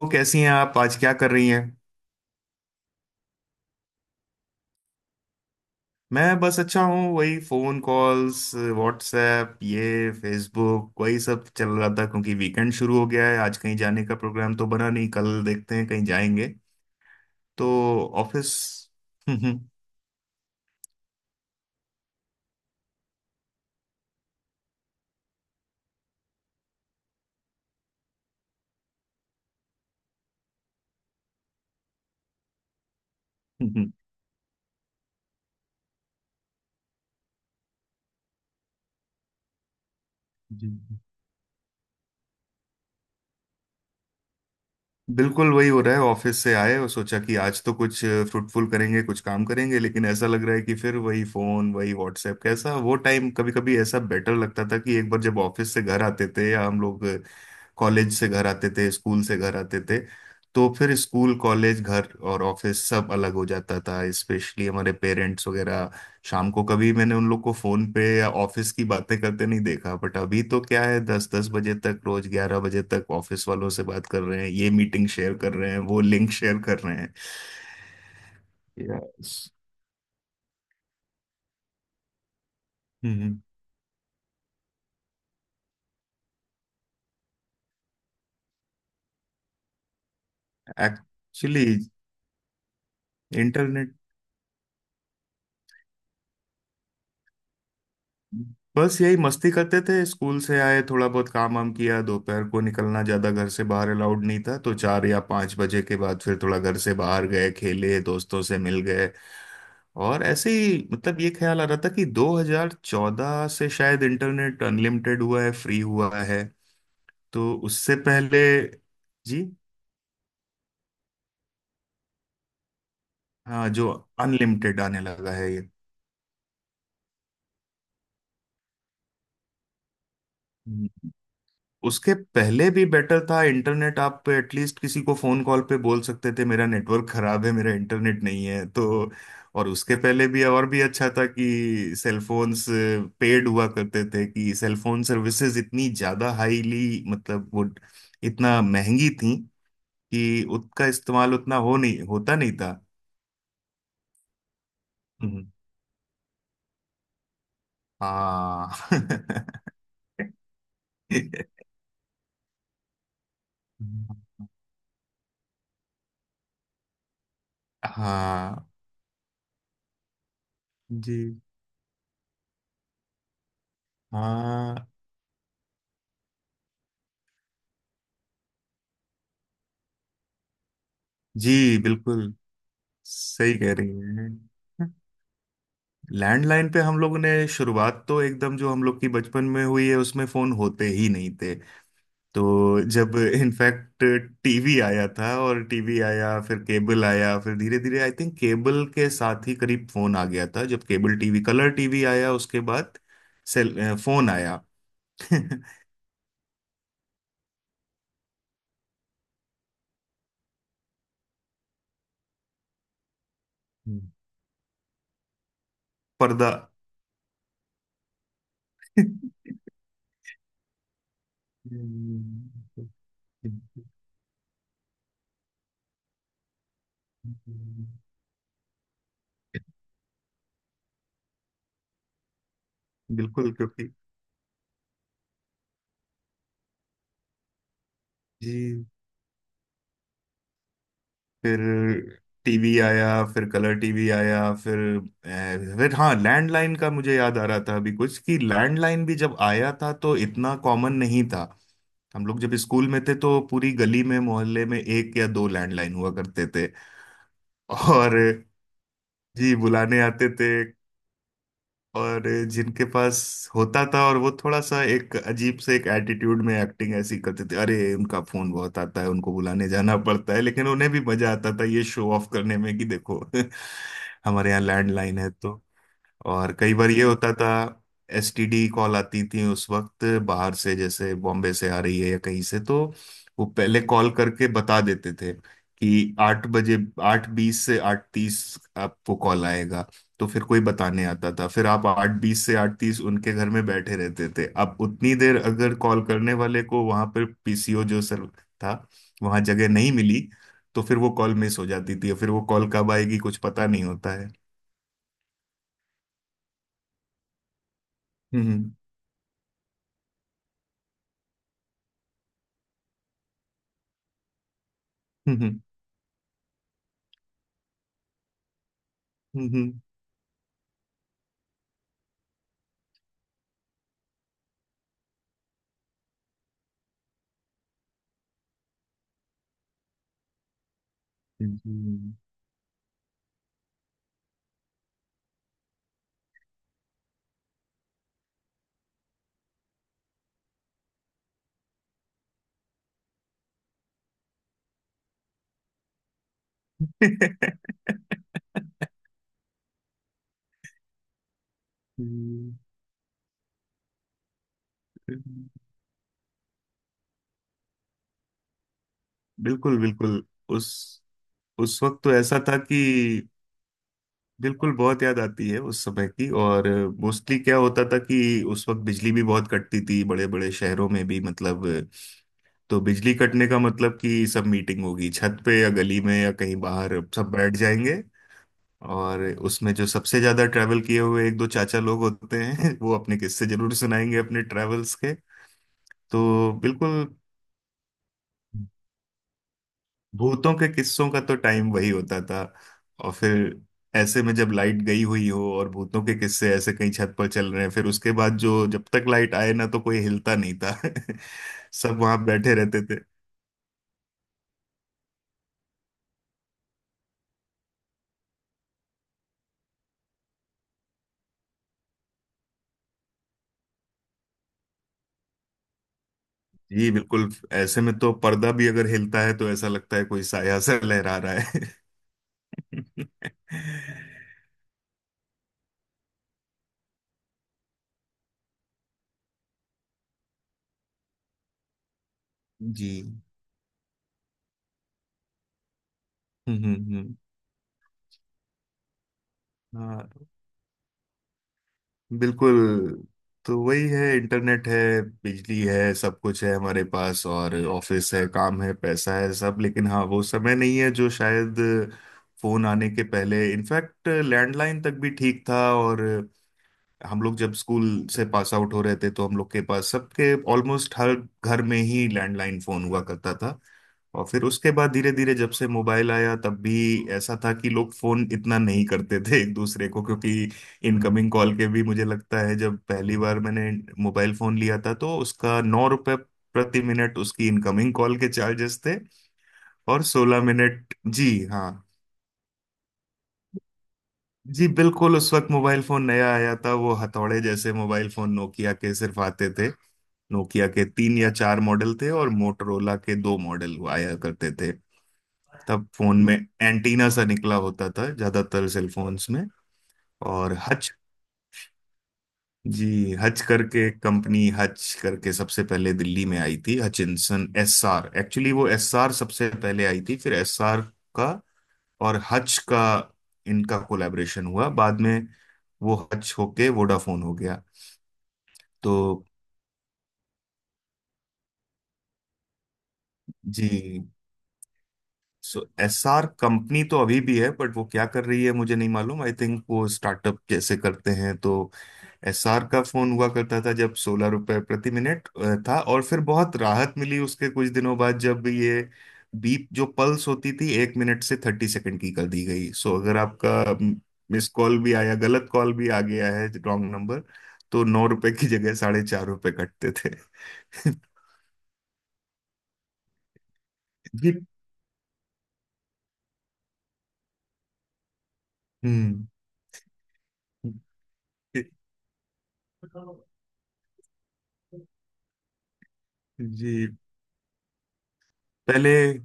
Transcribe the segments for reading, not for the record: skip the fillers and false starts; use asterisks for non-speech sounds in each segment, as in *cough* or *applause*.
तो कैसी हैं आप, आज क्या कर रही हैं? मैं बस अच्छा हूँ, वही फोन कॉल्स, व्हाट्सएप, ये फेसबुक, वही सब चल रहा था क्योंकि वीकेंड शुरू हो गया है। आज कहीं जाने का प्रोग्राम तो बना नहीं, कल देखते हैं कहीं जाएंगे। तो ऑफिस। *laughs* जी, बिल्कुल वही हो रहा है। ऑफिस से आए और सोचा कि आज तो कुछ फ्रूटफुल करेंगे, कुछ काम करेंगे, लेकिन ऐसा लग रहा है कि फिर वही फोन, वही व्हाट्सएप। कैसा वो टाइम कभी कभी ऐसा बेटर लगता था कि एक बार जब ऑफिस से घर आते थे, या हम लोग कॉलेज से घर आते थे, स्कूल से घर आते थे, तो फिर स्कूल, कॉलेज, घर और ऑफिस सब अलग हो जाता था। स्पेशली हमारे पेरेंट्स वगैरह, शाम को कभी मैंने उन लोग को फोन पे या ऑफिस की बातें करते नहीं देखा। बट अभी तो क्या है, दस दस बजे तक रोज, 11 बजे तक ऑफिस वालों से बात कर रहे हैं, ये मीटिंग शेयर कर रहे हैं, वो लिंक शेयर कर रहे हैं। यस। हम्म। एक्चुअली। इंटरनेट। बस यही मस्ती करते थे, स्कूल से आए, थोड़ा बहुत काम वाम किया, दोपहर को निकलना ज्यादा घर से बाहर अलाउड नहीं था, तो 4 या 5 बजे के बाद फिर थोड़ा घर से बाहर गए, खेले, दोस्तों से मिल गए। और ऐसे ही मतलब ये ख्याल आ रहा था कि 2014 से शायद इंटरनेट अनलिमिटेड हुआ है, फ्री हुआ है। तो उससे पहले। जी। हाँ जो अनलिमिटेड आने लगा है। ये उसके पहले भी बेटर था इंटरनेट, आप एटलीस्ट किसी को फोन कॉल पे बोल सकते थे, मेरा नेटवर्क खराब है, मेरा इंटरनेट नहीं है। तो और उसके पहले भी और भी अच्छा था कि सेलफोन्स पेड हुआ करते थे, कि सेलफोन सर्विसेज इतनी ज्यादा हाईली मतलब वो इतना महंगी थी कि उसका इस्तेमाल उतना हो नहीं होता, नहीं था। हम्म। हाँ। *laughs* हाँ। जी। हाँ। जी बिल्कुल, सही कह रही हैं। लैंडलाइन पे हम लोगों ने शुरुआत, तो एकदम जो हम लोग की बचपन में हुई है उसमें फोन होते ही नहीं थे। तो जब इनफैक्ट टीवी आया था, और टीवी आया फिर केबल आया, फिर धीरे धीरे आई थिंक केबल के साथ ही करीब फोन आ गया था। जब केबल टीवी, कलर टीवी आया, उसके बाद फोन आया। *laughs* पर्दा। *laughs* बिल्कुल क्योंकि। जी। फिर टीवी आया, फिर कलर टीवी आया, फिर फिर हाँ लैंडलाइन का मुझे याद आ रहा था अभी कुछ, कि लैंडलाइन भी जब आया था तो इतना कॉमन नहीं था। हम लोग जब स्कूल में थे तो पूरी गली में, मोहल्ले में एक या दो लैंडलाइन हुआ करते थे। और जी, बुलाने आते थे। और जिनके पास होता था, और वो थोड़ा सा एक अजीब से एक एटीट्यूड में एक्टिंग ऐसी करते थे, अरे उनका फोन बहुत आता है, उनको बुलाने जाना पड़ता है, लेकिन उन्हें भी मजा आता था ये शो ऑफ करने में कि देखो *laughs* हमारे यहाँ लैंडलाइन है। तो और कई बार ये होता था, एसटीडी कॉल आती थी उस वक्त बाहर से, जैसे बॉम्बे से आ रही है या कहीं से, तो वो पहले कॉल करके बता देते थे कि 8 बजे, 8:20 से 8:30 आपको कॉल आएगा। तो फिर कोई बताने आता था, फिर आप 8:20 से 8:30 उनके घर में बैठे रहते थे। अब उतनी देर अगर कॉल करने वाले को वहां पर पीसीओ जो सर था, वहां जगह नहीं मिली, तो फिर वो कॉल मिस हो जाती थी, और फिर वो कॉल कब आएगी कुछ पता नहीं होता है। हम्म। हम्म। हम्म। हम्म। हम्म। हम्म। हम्म। बिल्कुल, बिल्कुल। उस उस वक्त तो ऐसा था कि बिल्कुल बहुत याद आती है उस समय की। और मोस्टली क्या होता था कि उस वक्त बिजली भी बहुत कटती थी, बड़े बड़े शहरों में भी मतलब। तो बिजली कटने का मतलब कि सब मीटिंग होगी, छत पे या गली में या कहीं बाहर सब बैठ जाएंगे। और उसमें जो सबसे ज्यादा ट्रैवल किए हुए एक दो चाचा लोग होते हैं *laughs* वो अपने किस्से जरूर सुनाएंगे अपने ट्रैवल्स के। तो बिल्कुल, भूतों के किस्सों का तो टाइम वही होता था। और फिर ऐसे में जब लाइट गई हुई हो और भूतों के किस्से ऐसे कहीं छत पर चल रहे हैं, फिर उसके बाद जो, जब तक लाइट आए ना तो कोई हिलता नहीं था। *laughs* सब वहां बैठे रहते थे। जी बिल्कुल, ऐसे में तो पर्दा भी अगर हिलता है तो ऐसा लगता है कोई साया सा लहरा रहा है। *laughs* जी। हम्म। हम्म। हम्म। हाँ, बिल्कुल। तो वही है, इंटरनेट है, बिजली है, सब कुछ है हमारे पास, और ऑफिस है, काम है, पैसा है, सब। लेकिन हाँ, वो समय नहीं है जो शायद फोन आने के पहले, इनफैक्ट लैंडलाइन तक भी ठीक था, और हम लोग जब स्कूल से पास आउट हो रहे थे, तो हम लोग के पास सबके ऑलमोस्ट हर घर में ही लैंडलाइन फोन हुआ करता था। और फिर उसके बाद धीरे धीरे जब से मोबाइल आया, तब भी ऐसा था कि लोग फोन इतना नहीं करते थे एक दूसरे को, क्योंकि इनकमिंग कॉल के भी मुझे लगता है जब पहली बार मैंने मोबाइल फोन लिया था तो उसका 9 रुपए प्रति मिनट उसकी इनकमिंग कॉल के चार्जेस थे। और 16 मिनट, जी हाँ। जी बिल्कुल, उस वक्त मोबाइल फोन नया आया था, वो हथौड़े जैसे मोबाइल फोन नोकिया के सिर्फ आते थे। नोकिया के 3 या 4 मॉडल थे और मोटरोला के 2 मॉडल आया करते थे। तब फोन में एंटीना सा निकला होता था ज्यादातर सेलफोन्स में। और हच। जी, हच करके कंपनी, हच करके सबसे पहले दिल्ली में आई थी। हचिंसन एस आर एक्चुअली, वो एस आर सबसे पहले आई थी, फिर एस आर का और हच का इनका कोलैबोरेशन हुआ बाद में, वो हच होके वोडाफोन हो गया। तो जी, सो एस आर कंपनी तो अभी भी है, बट वो क्या कर रही है मुझे नहीं मालूम, आई थिंक वो स्टार्टअप जैसे करते हैं। तो एसआर का फोन हुआ करता था जब 16 रुपए प्रति मिनट था। और फिर बहुत राहत मिली उसके कुछ दिनों बाद जब ये बीप जो पल्स होती थी 1 मिनट से 30 सेकंड की कर दी गई। सो अगर आपका मिस कॉल भी आया, गलत कॉल भी आ गया है, रॉन्ग नंबर, तो 9 रुपए की जगह 4.5 रुपए कटते थे। *laughs* जी। हम्म। जी पहले।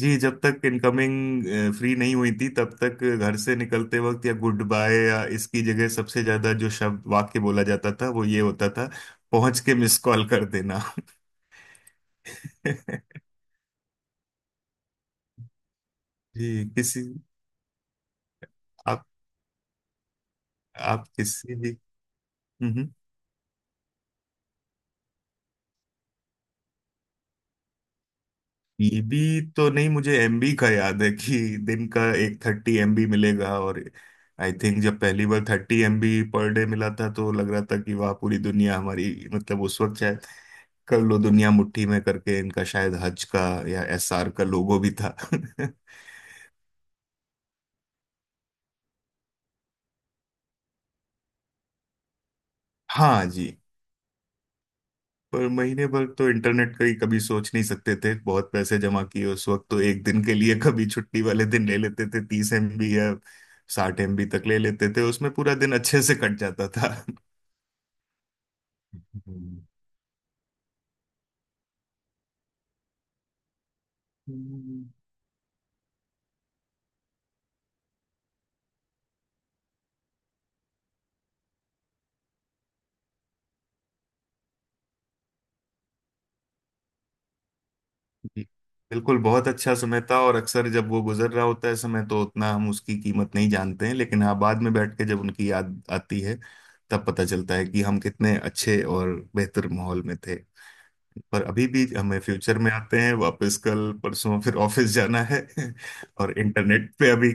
जी, जब तक इनकमिंग फ्री नहीं हुई थी, तब तक घर से निकलते वक्त, या गुड बाय या इसकी जगह सबसे ज्यादा जो शब्द वाक्य बोला जाता था वो ये होता था, पहुंच के मिस कॉल कर देना। *laughs* जी। किसी आप। आप किसी भी। हम्म। एबी तो नहीं, मुझे एमबी का याद है कि दिन का एक 30 एमबी मिलेगा, और आई थिंक जब पहली बार 30 एमबी पर डे मिला था तो लग रहा था कि वाह पूरी दुनिया हमारी, मतलब उस वक्त शायद कर लो दुनिया मुट्ठी में, करके इनका शायद हज का या एसआर का लोगो भी था। *laughs* हाँ। जी, पर महीने भर तो इंटरनेट का ही कभी सोच नहीं सकते थे, बहुत पैसे जमा किए उस वक्त तो, एक दिन के लिए कभी छुट्टी वाले दिन ले लेते थे 30 एमबी या 60 एमबी तक ले लेते थे, उसमें पूरा दिन अच्छे से कट जाता था। *laughs* हम्म। जी। बिल्कुल, बहुत अच्छा समय था, और अक्सर जब वो गुजर रहा होता है समय तो उतना हम उसकी कीमत नहीं जानते हैं, लेकिन हाँ बाद में बैठ के जब उनकी याद आती है, तब पता चलता है कि हम कितने अच्छे और बेहतर माहौल में थे। पर अभी भी हमें फ्यूचर में आते हैं, वापस कल परसों फिर ऑफिस जाना है। *laughs* और इंटरनेट पे अभी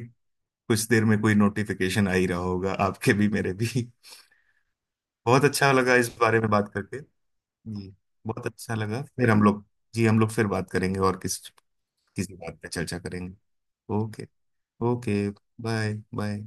कुछ देर में कोई नोटिफिकेशन आ ही रहा होगा, आपके भी मेरे भी। बहुत अच्छा लगा इस बारे में बात करके। जी, बहुत अच्छा लगा। फिर हम लोग, जी हम लोग फिर बात करेंगे और किस, किसी बात पे चर्चा करेंगे। ओके। ओके। बाय। बाय।